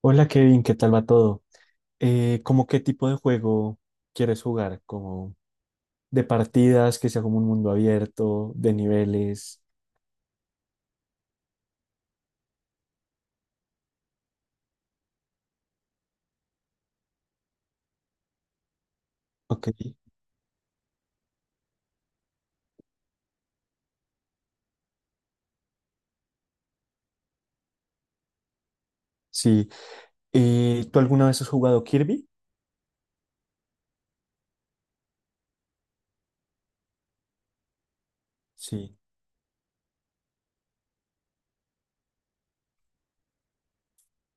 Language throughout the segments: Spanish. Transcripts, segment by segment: Hola Kevin, ¿qué tal va todo? ¿Cómo qué tipo de juego quieres jugar? ¿Como de partidas, que sea como un mundo abierto, de niveles? Ok, sí. ¿Tú alguna vez has jugado Kirby? Sí.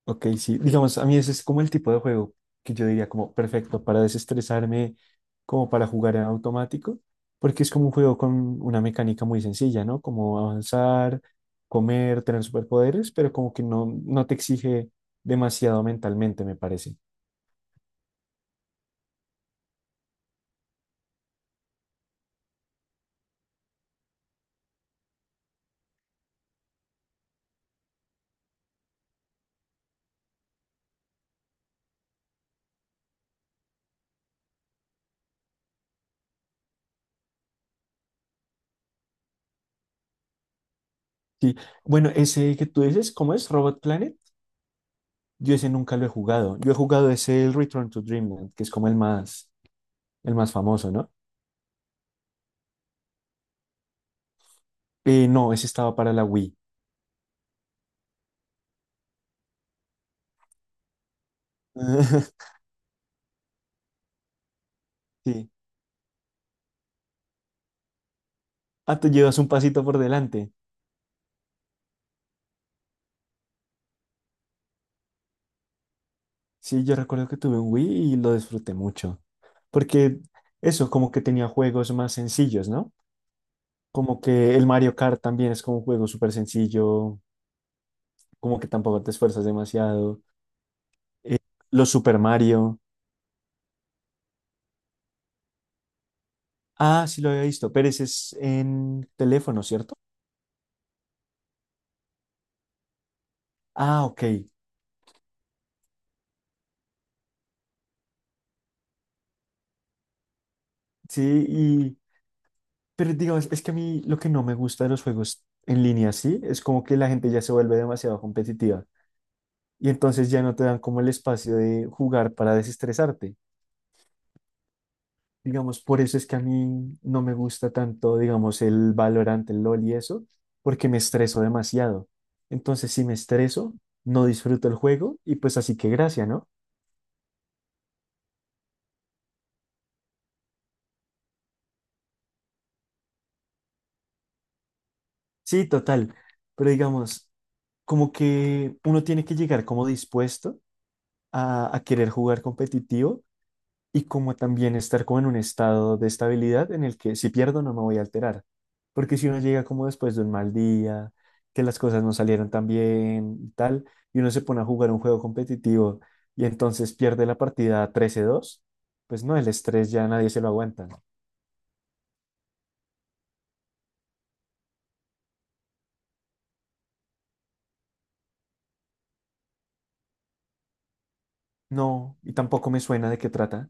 Ok, sí, digamos, a mí ese es como el tipo de juego que yo diría como perfecto para desestresarme, como para jugar en automático, porque es como un juego con una mecánica muy sencilla, ¿no? Como avanzar, comer, tener superpoderes, pero como que no te exige demasiado mentalmente, me parece. Sí, bueno, ese que tú dices, ¿cómo es? Robot Planet, yo ese nunca lo he jugado. Yo he jugado ese el Return to Dreamland, que es como el más famoso, ¿no? No, ese estaba para la Wii. Sí. Ah, tú llevas un pasito por delante. Sí, yo recuerdo que tuve un Wii y lo disfruté mucho. Porque eso, como que tenía juegos más sencillos, ¿no? Como que el Mario Kart también es como un juego súper sencillo, como que tampoco te esfuerzas demasiado. Eh, los Super Mario. Ah, sí lo había visto, pero ese es en teléfono, ¿cierto? Ah, ok. Sí, y... Pero digamos, es que a mí lo que no me gusta de los juegos en línea, sí, es como que la gente ya se vuelve demasiado competitiva, y entonces ya no te dan como el espacio de jugar para desestresarte. Digamos, por eso es que a mí no me gusta tanto, digamos, el Valorant, el LoL y eso, porque me estreso demasiado. Entonces, si me estreso, no disfruto el juego y pues así que gracia, ¿no? Sí, total. Pero digamos, como que uno tiene que llegar como dispuesto a querer jugar competitivo y como también estar como en un estado de estabilidad en el que si pierdo no me voy a alterar. Porque si uno llega como después de un mal día, que las cosas no salieron tan bien y tal, y uno se pone a jugar un juego competitivo y entonces pierde la partida 13-2, pues no, el estrés ya nadie se lo aguanta. No, y tampoco me suena de qué trata.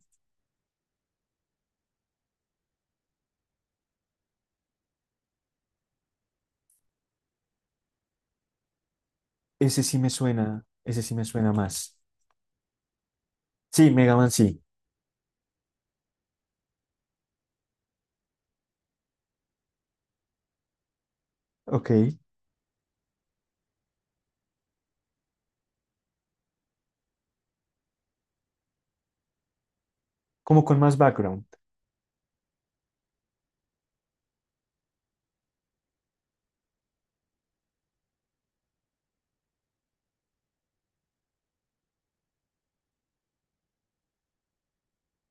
Ese sí me suena, ese sí me suena más. Sí, Mega Man sí. Ok, como con más background.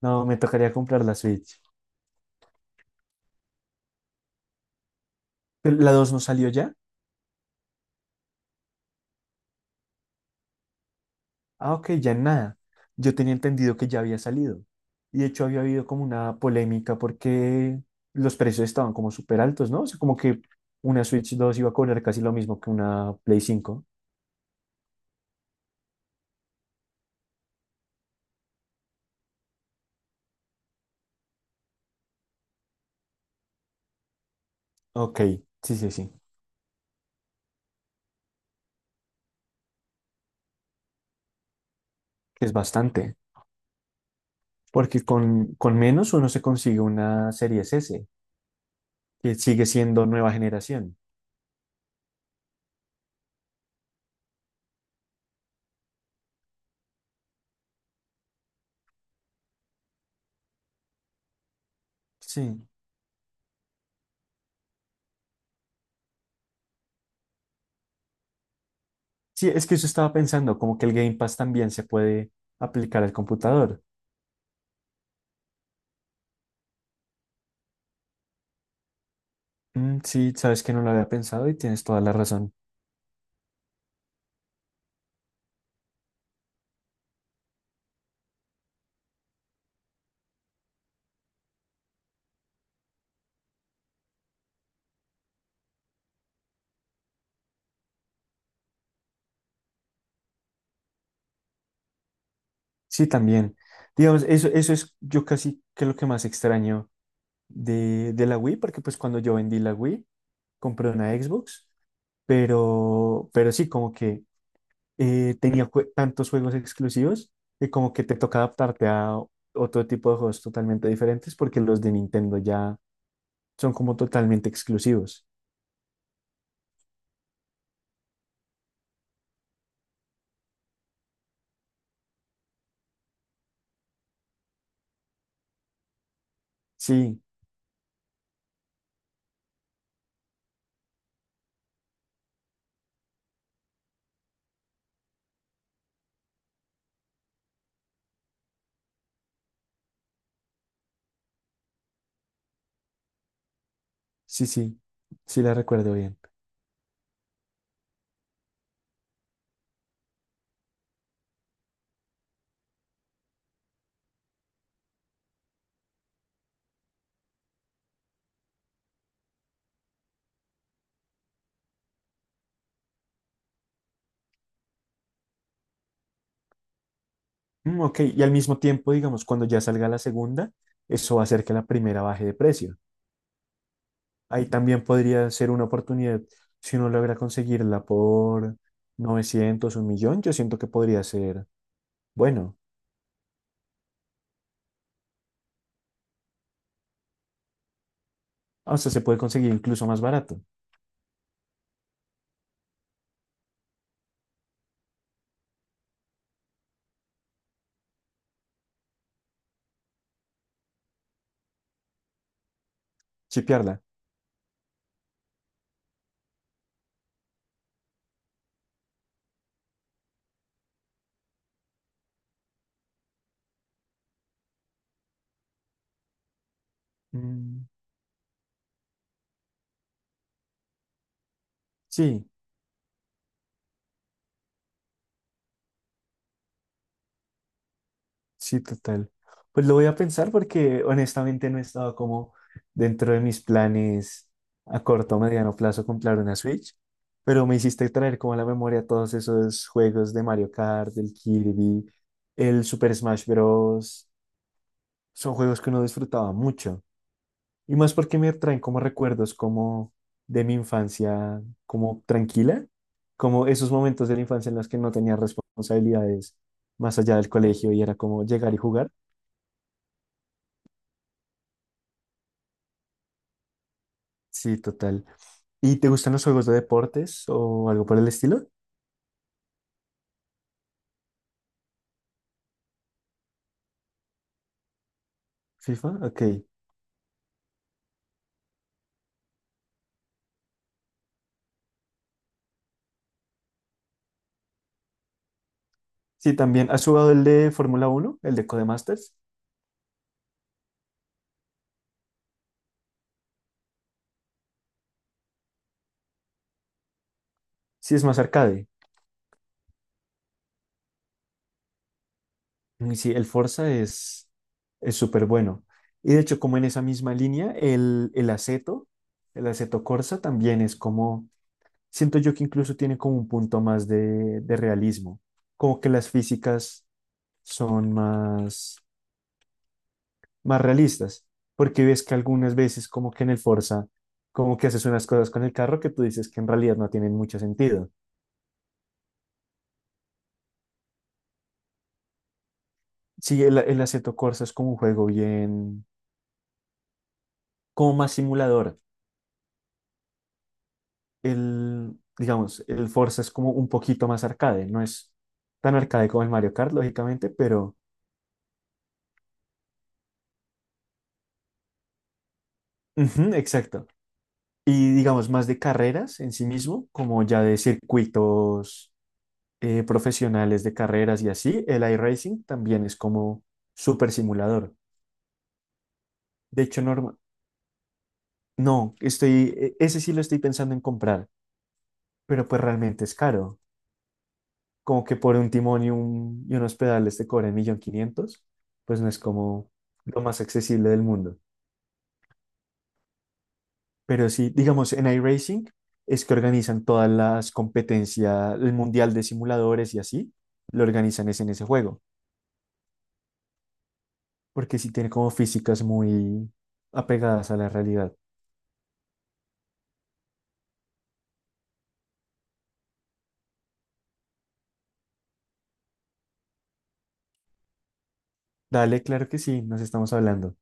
No, me tocaría comprar la Switch. ¿Pero la 2 no salió ya? Ah, ok, ya en nada. Yo tenía entendido que ya había salido. Y de hecho había habido como una polémica porque los precios estaban como súper altos, ¿no? O sea, como que una Switch 2 iba a cobrar casi lo mismo que una Play cinco. Ok, sí, sí, sí. Es bastante. Porque con menos uno se consigue una Series S, que sigue siendo nueva generación. Sí. Sí, es que yo estaba pensando, como que el Game Pass también se puede aplicar al computador. Mm, sí, sabes que no lo había pensado y tienes toda la razón. Sí, también. Digamos, eso es yo casi que lo que más extraño de la Wii, porque pues cuando yo vendí la Wii, compré una Xbox, pero sí, como que tenía tantos juegos exclusivos que como que te toca adaptarte a otro tipo de juegos totalmente diferentes, porque los de Nintendo ya son como totalmente exclusivos. Sí, sí, sí, sí la recuerdo bien. Mm, ok, y al mismo tiempo, digamos, cuando ya salga la segunda, eso va a hacer que la primera baje de precio. Ahí también podría ser una oportunidad si uno logra conseguirla por 900 un millón, yo siento que podría ser bueno. O sea, se puede conseguir incluso más barato, chipearla. Mm, sí, sí, total. Pues lo voy a pensar porque honestamente no he estado como dentro de mis planes a corto o mediano plazo comprar una Switch, pero me hiciste traer como a la memoria todos esos juegos de Mario Kart, del Kirby, el Super Smash Bros. Son juegos que uno disfrutaba mucho. Y más porque me traen como recuerdos como de mi infancia, como tranquila, como esos momentos de la infancia en los que no tenía responsabilidades más allá del colegio y era como llegar y jugar. Sí, total. ¿Y te gustan los juegos de deportes o algo por el estilo? FIFA, ok. Sí, también. ¿Has jugado el de Fórmula 1, el de Codemasters? Sí, es más arcade. Uy, sí, el Forza es súper bueno. Y de hecho, como en esa misma línea, el Aceto Corsa también es como, siento yo que incluso tiene como un punto más de realismo, como que las físicas son más, más realistas, porque ves que algunas veces como que en el Forza, como que haces unas cosas con el carro que tú dices que en realidad no tienen mucho sentido. Sí, el Assetto Corsa es como un juego bien, como más simulador, el, digamos, el Forza es como un poquito más arcade, no es tan arcade como el Mario Kart, lógicamente, pero ujú, exacto. Y digamos, más de carreras en sí mismo, como ya de circuitos profesionales de carreras y así, el iRacing también es como súper simulador. De hecho, no, ese sí lo estoy pensando en comprar, pero pues realmente es caro. Como que por un timón y, y unos pedales te cobran 1.500.000, pues no es como lo más accesible del mundo. Pero sí, digamos, en iRacing es que organizan todas las competencias, el mundial de simuladores y así, lo organizan es en ese juego, porque sí tiene como físicas muy apegadas a la realidad. Dale, claro que sí, nos estamos hablando.